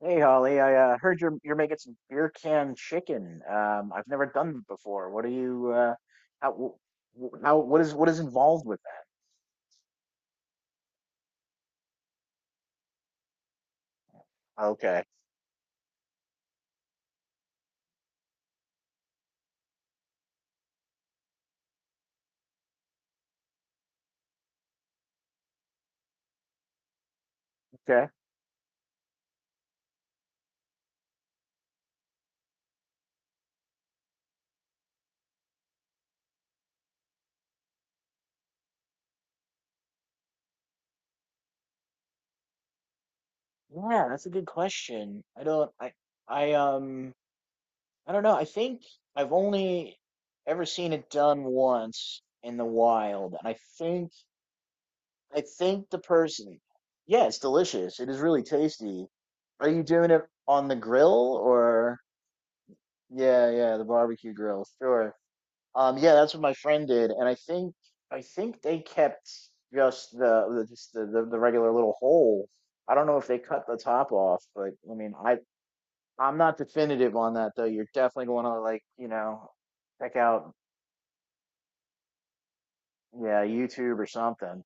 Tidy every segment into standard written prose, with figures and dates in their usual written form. Hey Holly, I heard you're making some beer can chicken. I've never done it before. What are you? How? How? What is involved with that? Okay. Okay. Yeah, that's a good question. I don't. I. I um. I don't know. I've only ever seen it done once in the wild, and I think the person. Yeah, it's delicious. It is really tasty. Are you doing it on the grill or? Yeah, yeah, the barbecue grill. Sure. Yeah, that's what my friend did, and I think they kept just the regular little hole. I don't know if they cut the top off, but I'm not definitive on that though. You're definitely going to check out yeah YouTube or something.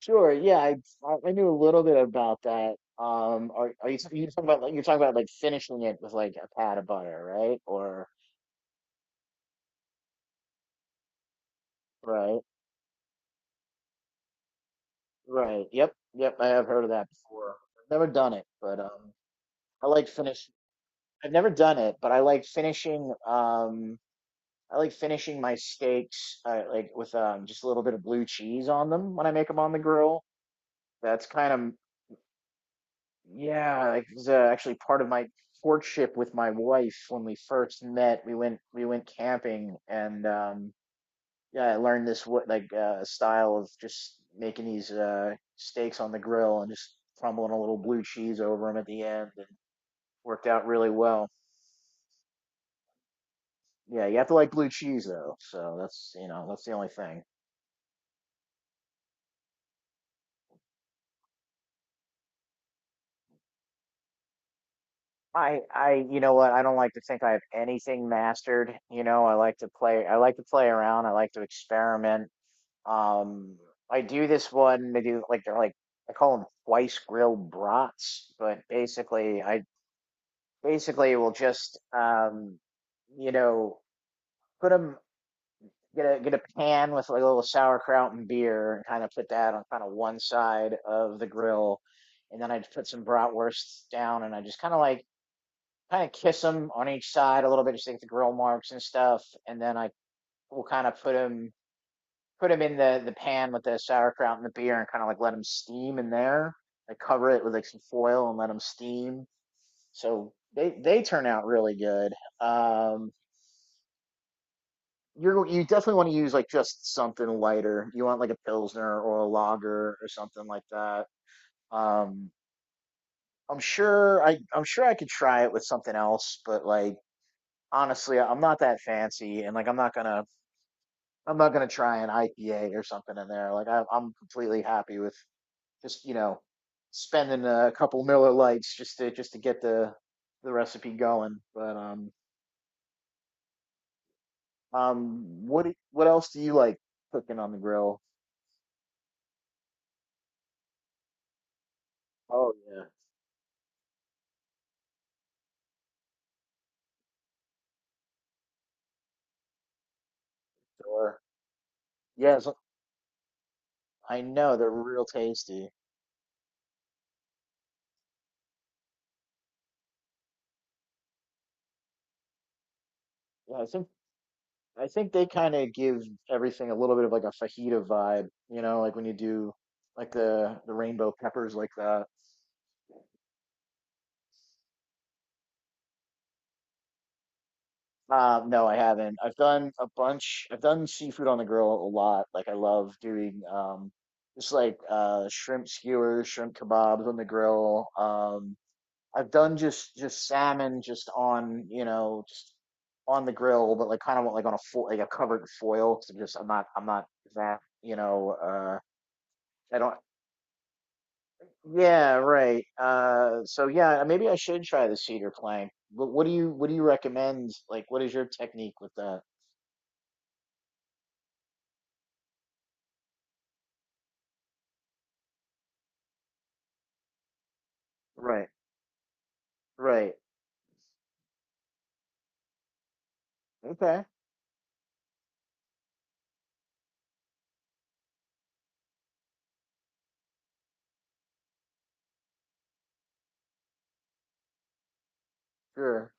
Sure, yeah, I I knew a little bit about that. Are you talking about like finishing it with like a pat of butter, right? Or right, right. Yep, yep. I have heard of that before. I've never done it, but. I like finish. I've never done it, but I like finishing. I like finishing my steaks like with just a little bit of blue cheese on them when I make them on the grill. That's kind of yeah. Like, it's actually part of my courtship with my wife when we first met. We went camping and yeah, I learned this what like style of just making these steaks on the grill and just crumbling a little blue cheese over them at the end and worked out really well. Yeah, you have to like blue cheese though. So that's, that's the only thing. I you know what? I don't like to think I have anything mastered. You know, I like to play. I like to play around. I like to experiment. Um, I do this one. They do like they're like I call them twice grilled brats, but basically will just you know put 'em get a pan with like a little sauerkraut and beer and kind of put that on kind of one side of the grill, and then I just put some bratwursts down and I just kind of like kind of kiss them on each side a little bit just to get the grill marks and stuff, and then I will put them in the pan with the sauerkraut and the beer and kind of like let them steam in there. I cover it with like some foil and let them steam so they turn out really good. um you definitely want to use like just something lighter. You want like a pilsner or a lager or something like that. Um, I'm sure I could try it with something else, but like honestly, I'm not that fancy, and like I'm not gonna try an IPA or something in there. Like I'm completely happy with just spending a couple Miller Lights just to get the recipe going. But um what what else do you like cooking on the grill? Oh yeah, sure. Yes, I know they're real tasty. Yeah, I think they kind of give everything a little bit of like a fajita vibe, you know, like when you do like the rainbow peppers like that. No, I haven't. I've done a bunch. I've done seafood on the grill a lot. Like I love doing just like shrimp skewers, shrimp kebabs on the grill. I've done just salmon just on, just on the grill, but like kind of like on like a covered foil, 'cause I'm just I'm not that, I don't yeah, right. So yeah, maybe I should try the cedar plank. But what do you recommend? Like what is your technique with that? Right, right, okay, sure.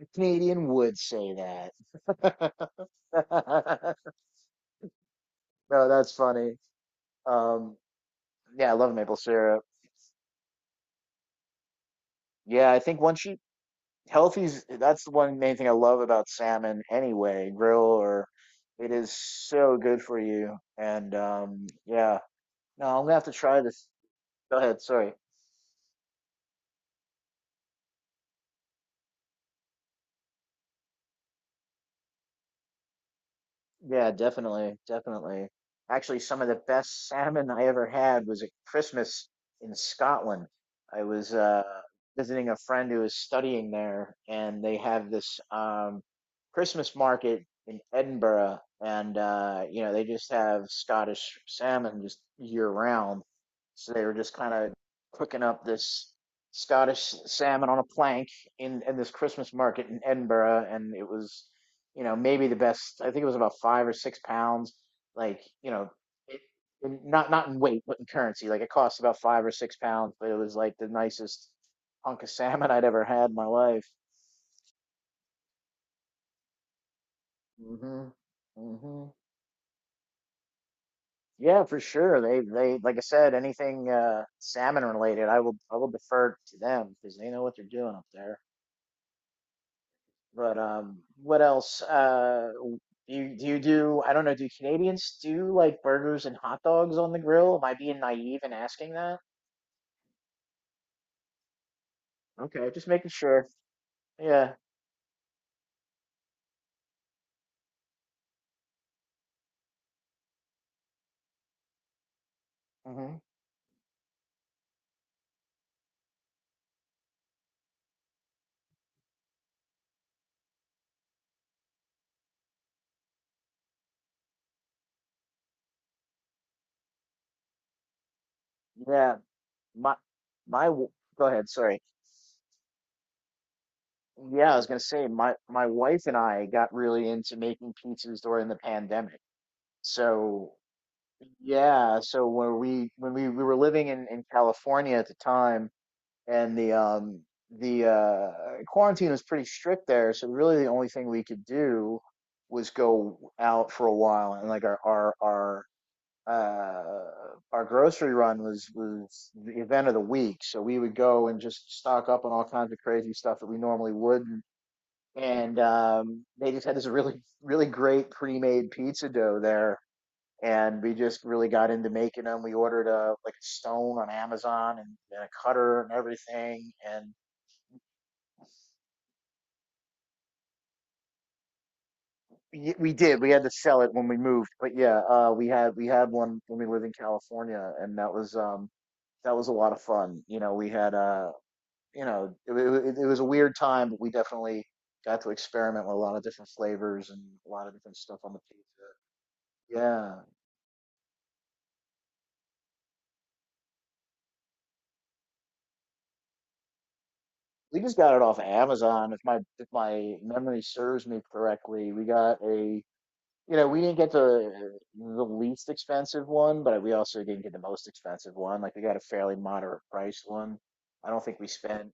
A Canadian would say that. No, that's funny. Um, yeah, I love maple syrup. Yeah, I think once you healthy's that's the one main thing I love about salmon anyway, grill or, it is so good for you. And yeah. No, I'm gonna have to try this. Go ahead, sorry. Yeah, definitely, definitely. Actually, some of the best salmon I ever had was at Christmas in Scotland. I was visiting a friend who was studying there, and they have this Christmas market in Edinburgh, and you know they just have Scottish salmon just year round. So they were just kind of cooking up this Scottish salmon on a plank in this Christmas market in Edinburgh, and it was, you know, maybe the best. I think it was about 5 or 6 pounds. Like, you know, it, not not in weight, but in currency. Like, it cost about 5 or 6 pounds, but it was like the nicest hunk of salmon I'd ever had in my life. Hmm. Hmm. Yeah, for sure. They, like I said, anything salmon related, I will defer to them because they know what they're doing up there. But what else? Do you do you do? I don't know. Do Canadians do like burgers and hot dogs on the grill? Am I being naive in asking that? Okay, just making sure. Yeah. Hmm. Yeah. My my. w- Go ahead. Sorry. Yeah, I was gonna say my wife and I got really into making pizzas during the pandemic. So yeah, so we were living in California at the time, and the quarantine was pretty strict there, so really the only thing we could do was go out for a while, and like uh our grocery run was the event of the week, so we would go and just stock up on all kinds of crazy stuff that we normally wouldn't, and they just had this really great pre-made pizza dough there, and we just really got into making them. We ordered a like a stone on Amazon, and a cutter and everything, and we did. We had to sell it when we moved, but yeah, we had one when we lived in California, and that was a lot of fun. You know, we had you know it, wa- it, it was a weird time, but we definitely got to experiment with a lot of different flavors and a lot of different stuff on the pizza. Yeah, we just got it off of Amazon. If my memory serves me correctly, we got a, you know, we didn't get the least expensive one, but we also didn't get the most expensive one. Like we got a fairly moderate price one. I don't think we spent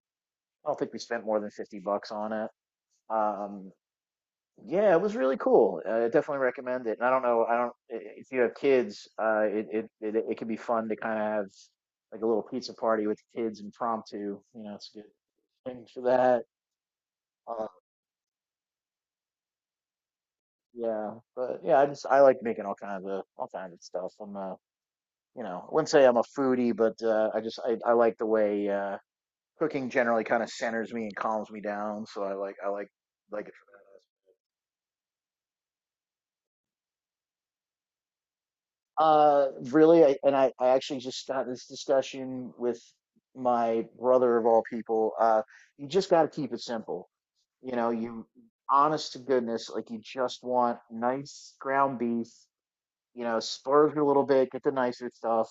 I don't think we spent more than 50 bucks on it. Um, yeah, it was really cool. I definitely recommend it. And I don't know, I don't I- if you have kids, it can be fun to kind of have like a little pizza party with the kids impromptu. You know, it's a good thing for that. Uh, yeah, but yeah, I like making all kinds of stuff. I'm you know, I wouldn't say I'm a foodie, but I like the way cooking generally kind of centers me and calms me down. So I like like it for that. Really, I, and I I actually just got this discussion with my brother of all people. You just got to keep it simple. You know, you honest to goodness, like you just want nice ground beef. You know, splurge a little bit, get the nicer stuff,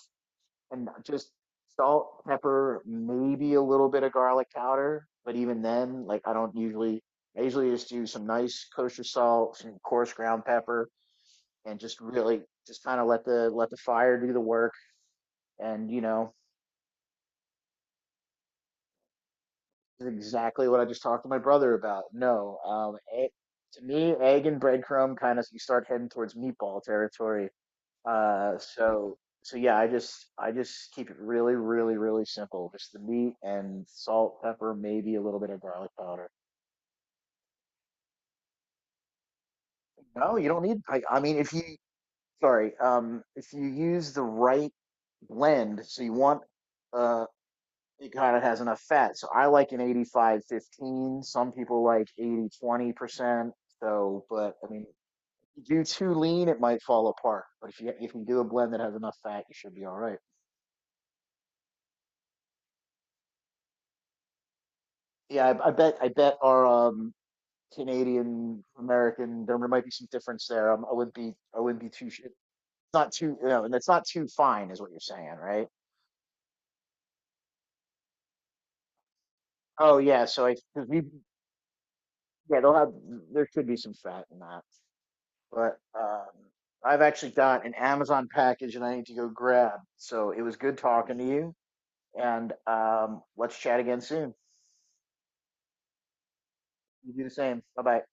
and just salt, pepper, maybe a little bit of garlic powder. But even then, like I don't usually, I usually just do some nice kosher salt, some coarse ground pepper, and just really just kind of let the fire do the work. And you know, this is exactly what I just talked to my brother about. No, egg, to me, egg and breadcrumb kind of you start heading towards meatball territory. Uh, so so yeah, I just keep it really, really, really simple. Just the meat and salt, pepper, maybe a little bit of garlic powder. No, you don't need. I mean, if you sorry, if you use the right blend, so you want uh, it kind of has enough fat. So I like an 85, 15. Some people like 80, 20%. So, but I mean, if you do too lean, it might fall apart. But if you do a blend that has enough fat, you should be all right. Yeah, I bet our Canadian American. There might be some difference there. I wouldn't be too, it's not too, you know, and it's not too fine is what you're saying, right? Oh yeah, so I because we yeah, they'll have, there should be some fat in that, but I've actually got an Amazon package and I need to go grab. So it was good talking to you, and let's chat again soon. You do the same. Bye bye.